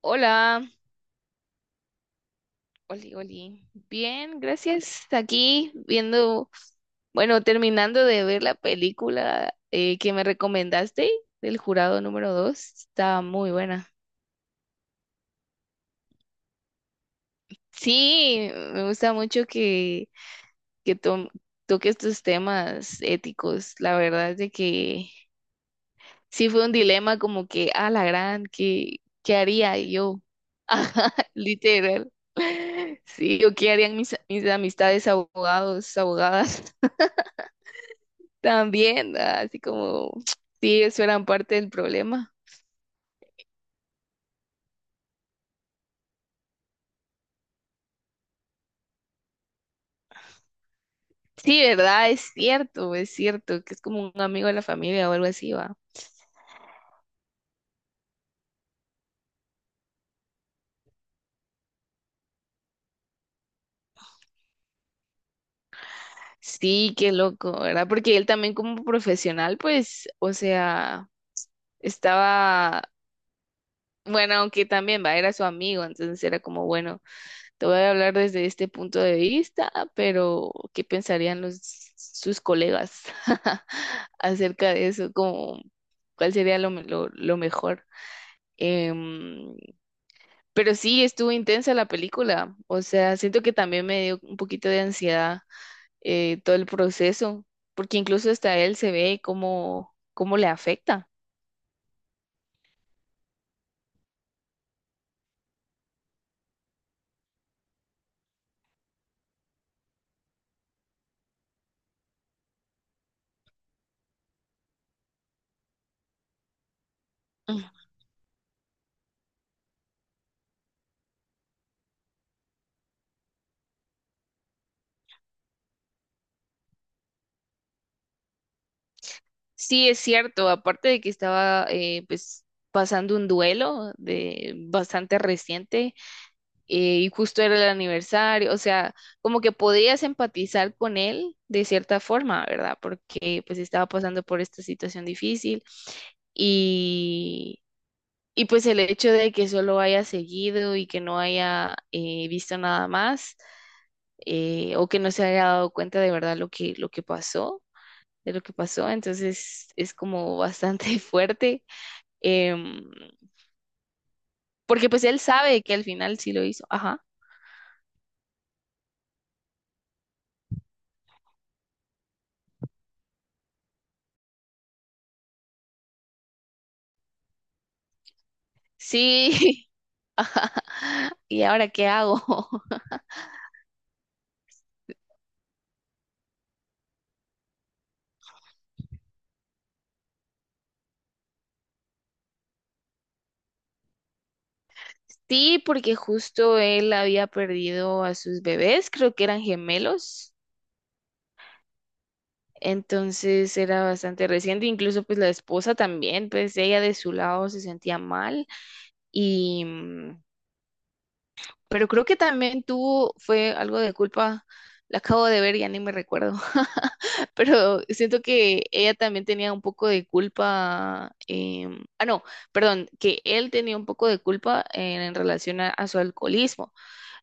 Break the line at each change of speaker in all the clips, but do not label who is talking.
Hola, Oli, Oli. Bien, gracias. Aquí viendo, bueno, terminando de ver la película que me recomendaste del jurado número 2. Está muy buena. Sí, me gusta mucho que to- toque estos temas éticos. La verdad es de que sí fue un dilema como que, a la gran, ¿qué haría yo? Literal. Sí, o qué harían mis amistades abogados, abogadas. También, ah, así como, sí, eso era parte del problema. Sí, ¿verdad? Es cierto, que es como un amigo de la familia o algo así, va. Sí, qué loco, ¿verdad? Porque él también como profesional, pues, o sea, estaba, bueno, aunque también, va, era su amigo, entonces era como, bueno, te voy a hablar desde este punto de vista, pero ¿qué pensarían sus colegas acerca de eso? Como, ¿cuál sería lo mejor? Em, Pero sí, estuvo intensa la película. O sea, siento que también me dio un poquito de ansiedad todo el proceso, porque incluso hasta él se ve cómo le afecta. Mm. Sí, es cierto, aparte de que estaba pues pasando un duelo de bastante reciente y justo era el aniversario, o sea, como que podías empatizar con él de cierta forma, ¿verdad? Porque pues estaba pasando por esta situación difícil y Y pues el hecho de que solo haya seguido y que no haya visto nada más, o que no se haya dado cuenta de verdad lo lo que pasó, de lo que pasó, entonces es como bastante fuerte, em, porque pues él sabe que al final sí lo hizo, ajá, sí, ajá, ¿y ahora qué hago? Sí, porque justo él había perdido a sus bebés, creo que eran gemelos. Entonces era bastante reciente, incluso pues la esposa también, pues ella de su lado se sentía mal y pero creo que también tuvo fue algo de culpa. La acabo de ver, ya ni me recuerdo. Pero siento que ella también tenía un poco de culpa. Ah, no, perdón, que él tenía un poco de culpa en relación a su alcoholismo.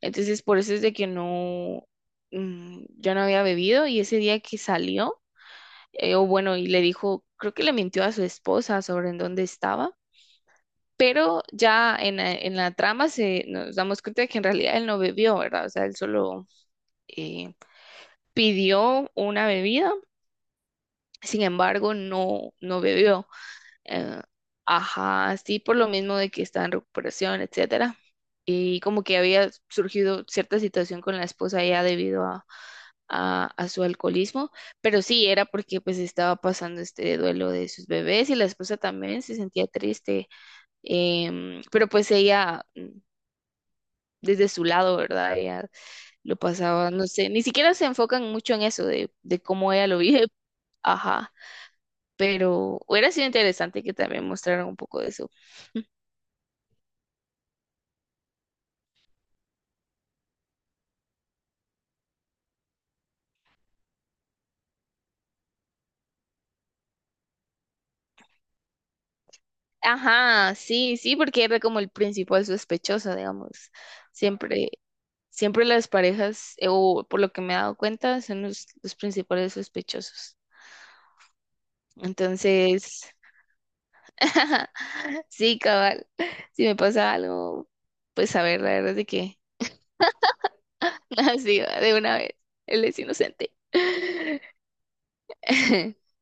Entonces, por eso es de que no, mm, yo no había bebido y ese día que salió, o bueno, y le dijo, creo que le mintió a su esposa sobre en dónde estaba, pero ya en la trama se nos damos cuenta de que en realidad él no bebió, ¿verdad? O sea, él solo eh, pidió una bebida, sin embargo, no, no bebió. Eh, ajá, sí, por lo mismo de que está en recuperación, etcétera. Y como que había surgido cierta situación con la esposa ya debido a su alcoholismo, pero sí era porque pues estaba pasando este duelo de sus bebés y la esposa también se sentía triste, pero pues ella mm, desde su lado, ¿verdad? Ella lo pasaba, no sé, ni siquiera se enfocan mucho en eso de cómo ella lo vive, ajá, pero hubiera sido interesante que también mostraran un poco de eso. Ajá, sí, sí, porque era como el principal sospechoso, digamos. Siempre, siempre las parejas, o por lo que me he dado cuenta, son los principales sospechosos. Entonces, sí, cabal, si me pasa algo, pues a ver, la verdad es de que, así, de una vez, él es inocente.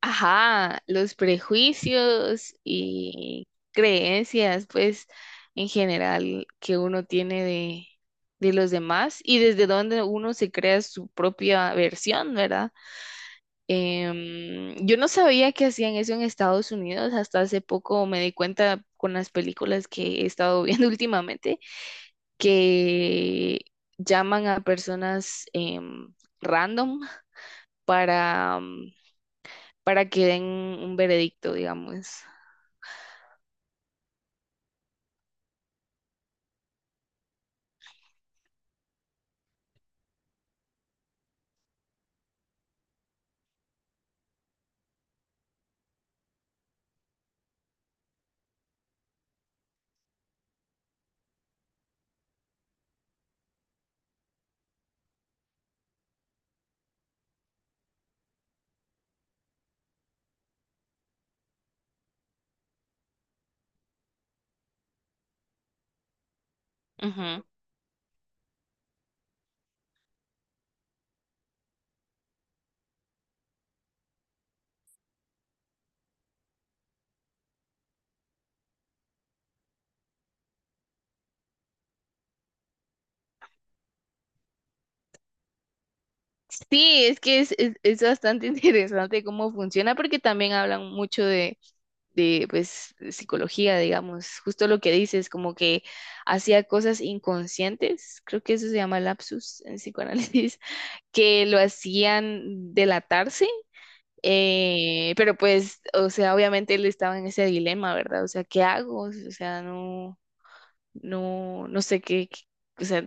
Ajá, los prejuicios y creencias, pues, en general, que uno tiene de los demás y desde donde uno se crea su propia versión, ¿verdad? Yo no sabía que hacían eso en Estados Unidos, hasta hace poco me di cuenta con las películas que he estado viendo últimamente, que llaman a personas em, random para, mm, para que den un veredicto, digamos. Ujú. Sí, es que es bastante interesante cómo funciona, porque también hablan mucho pues, de psicología, digamos, justo lo que dices, como que hacía cosas inconscientes, creo que eso se llama lapsus en psicoanálisis, que lo hacían delatarse, pero pues, o sea, obviamente él estaba en ese dilema, ¿verdad? O sea, ¿qué hago? O sea, no, no, no sé o sea,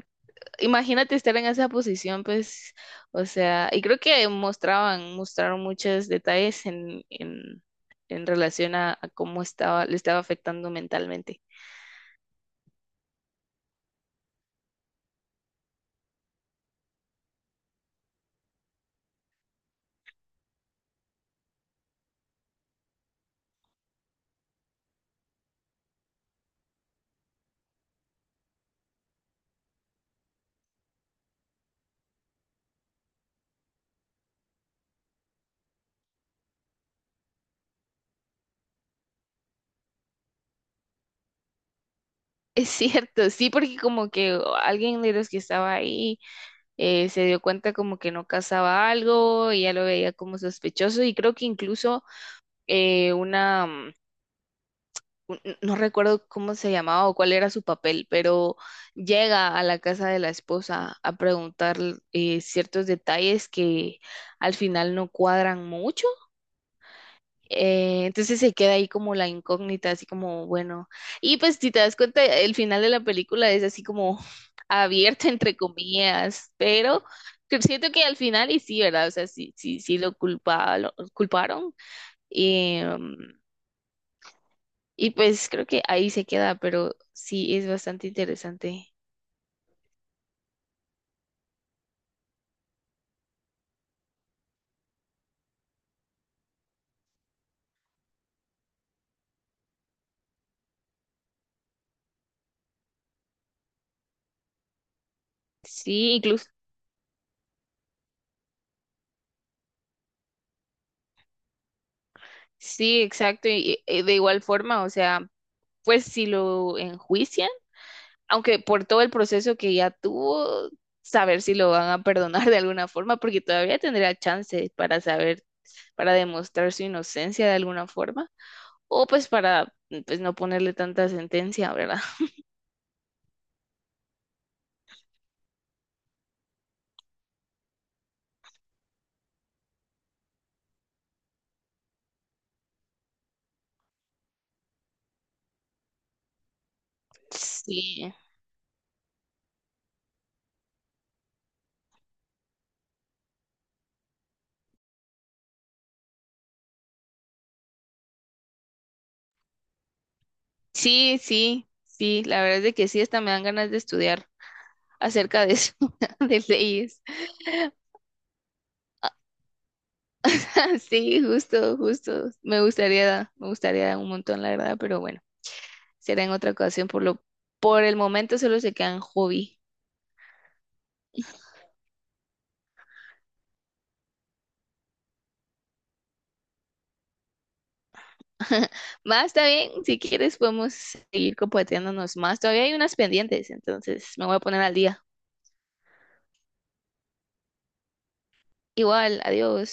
imagínate estar en esa posición, pues, o sea, y creo que mostraban, mostraron muchos detalles en relación a cómo estaba, le estaba afectando mentalmente. Es cierto, sí, porque como que alguien de los que estaba ahí se dio cuenta como que no casaba algo y ya lo veía como sospechoso y creo que incluso eh, una mm, no recuerdo cómo se llamaba o cuál era su papel, pero llega a la casa de la esposa a preguntar ciertos detalles que al final no cuadran mucho. Entonces se queda ahí como la incógnita, así como, bueno, y pues si te das cuenta, el final de la película es así como abierto, entre comillas, pero que siento que al final y sí, ¿verdad? O sea, sí, sí, sí lo culpa, lo culparon. em, y pues creo que ahí se queda, pero sí es bastante interesante. Sí, incluso, sí, exacto. Y de igual forma, o sea, pues si lo enjuician, aunque por todo el proceso que ya tuvo, saber si lo van a perdonar de alguna forma, porque todavía tendría chance para saber, para demostrar su inocencia de alguna forma, o pues para pues no ponerle tanta sentencia, ¿verdad? Sí, sí, sí, sí, la verdad es de que sí, hasta me dan ganas de estudiar acerca de eso, de leyes. Sí, justo, justo. Me gustaría un montón, la verdad, pero bueno, será en otra ocasión. Por el momento solo se quedan hobby. Más está bien, si quieres podemos seguir compartiéndonos más. Todavía hay unas pendientes, entonces me voy a poner al día. Igual, adiós.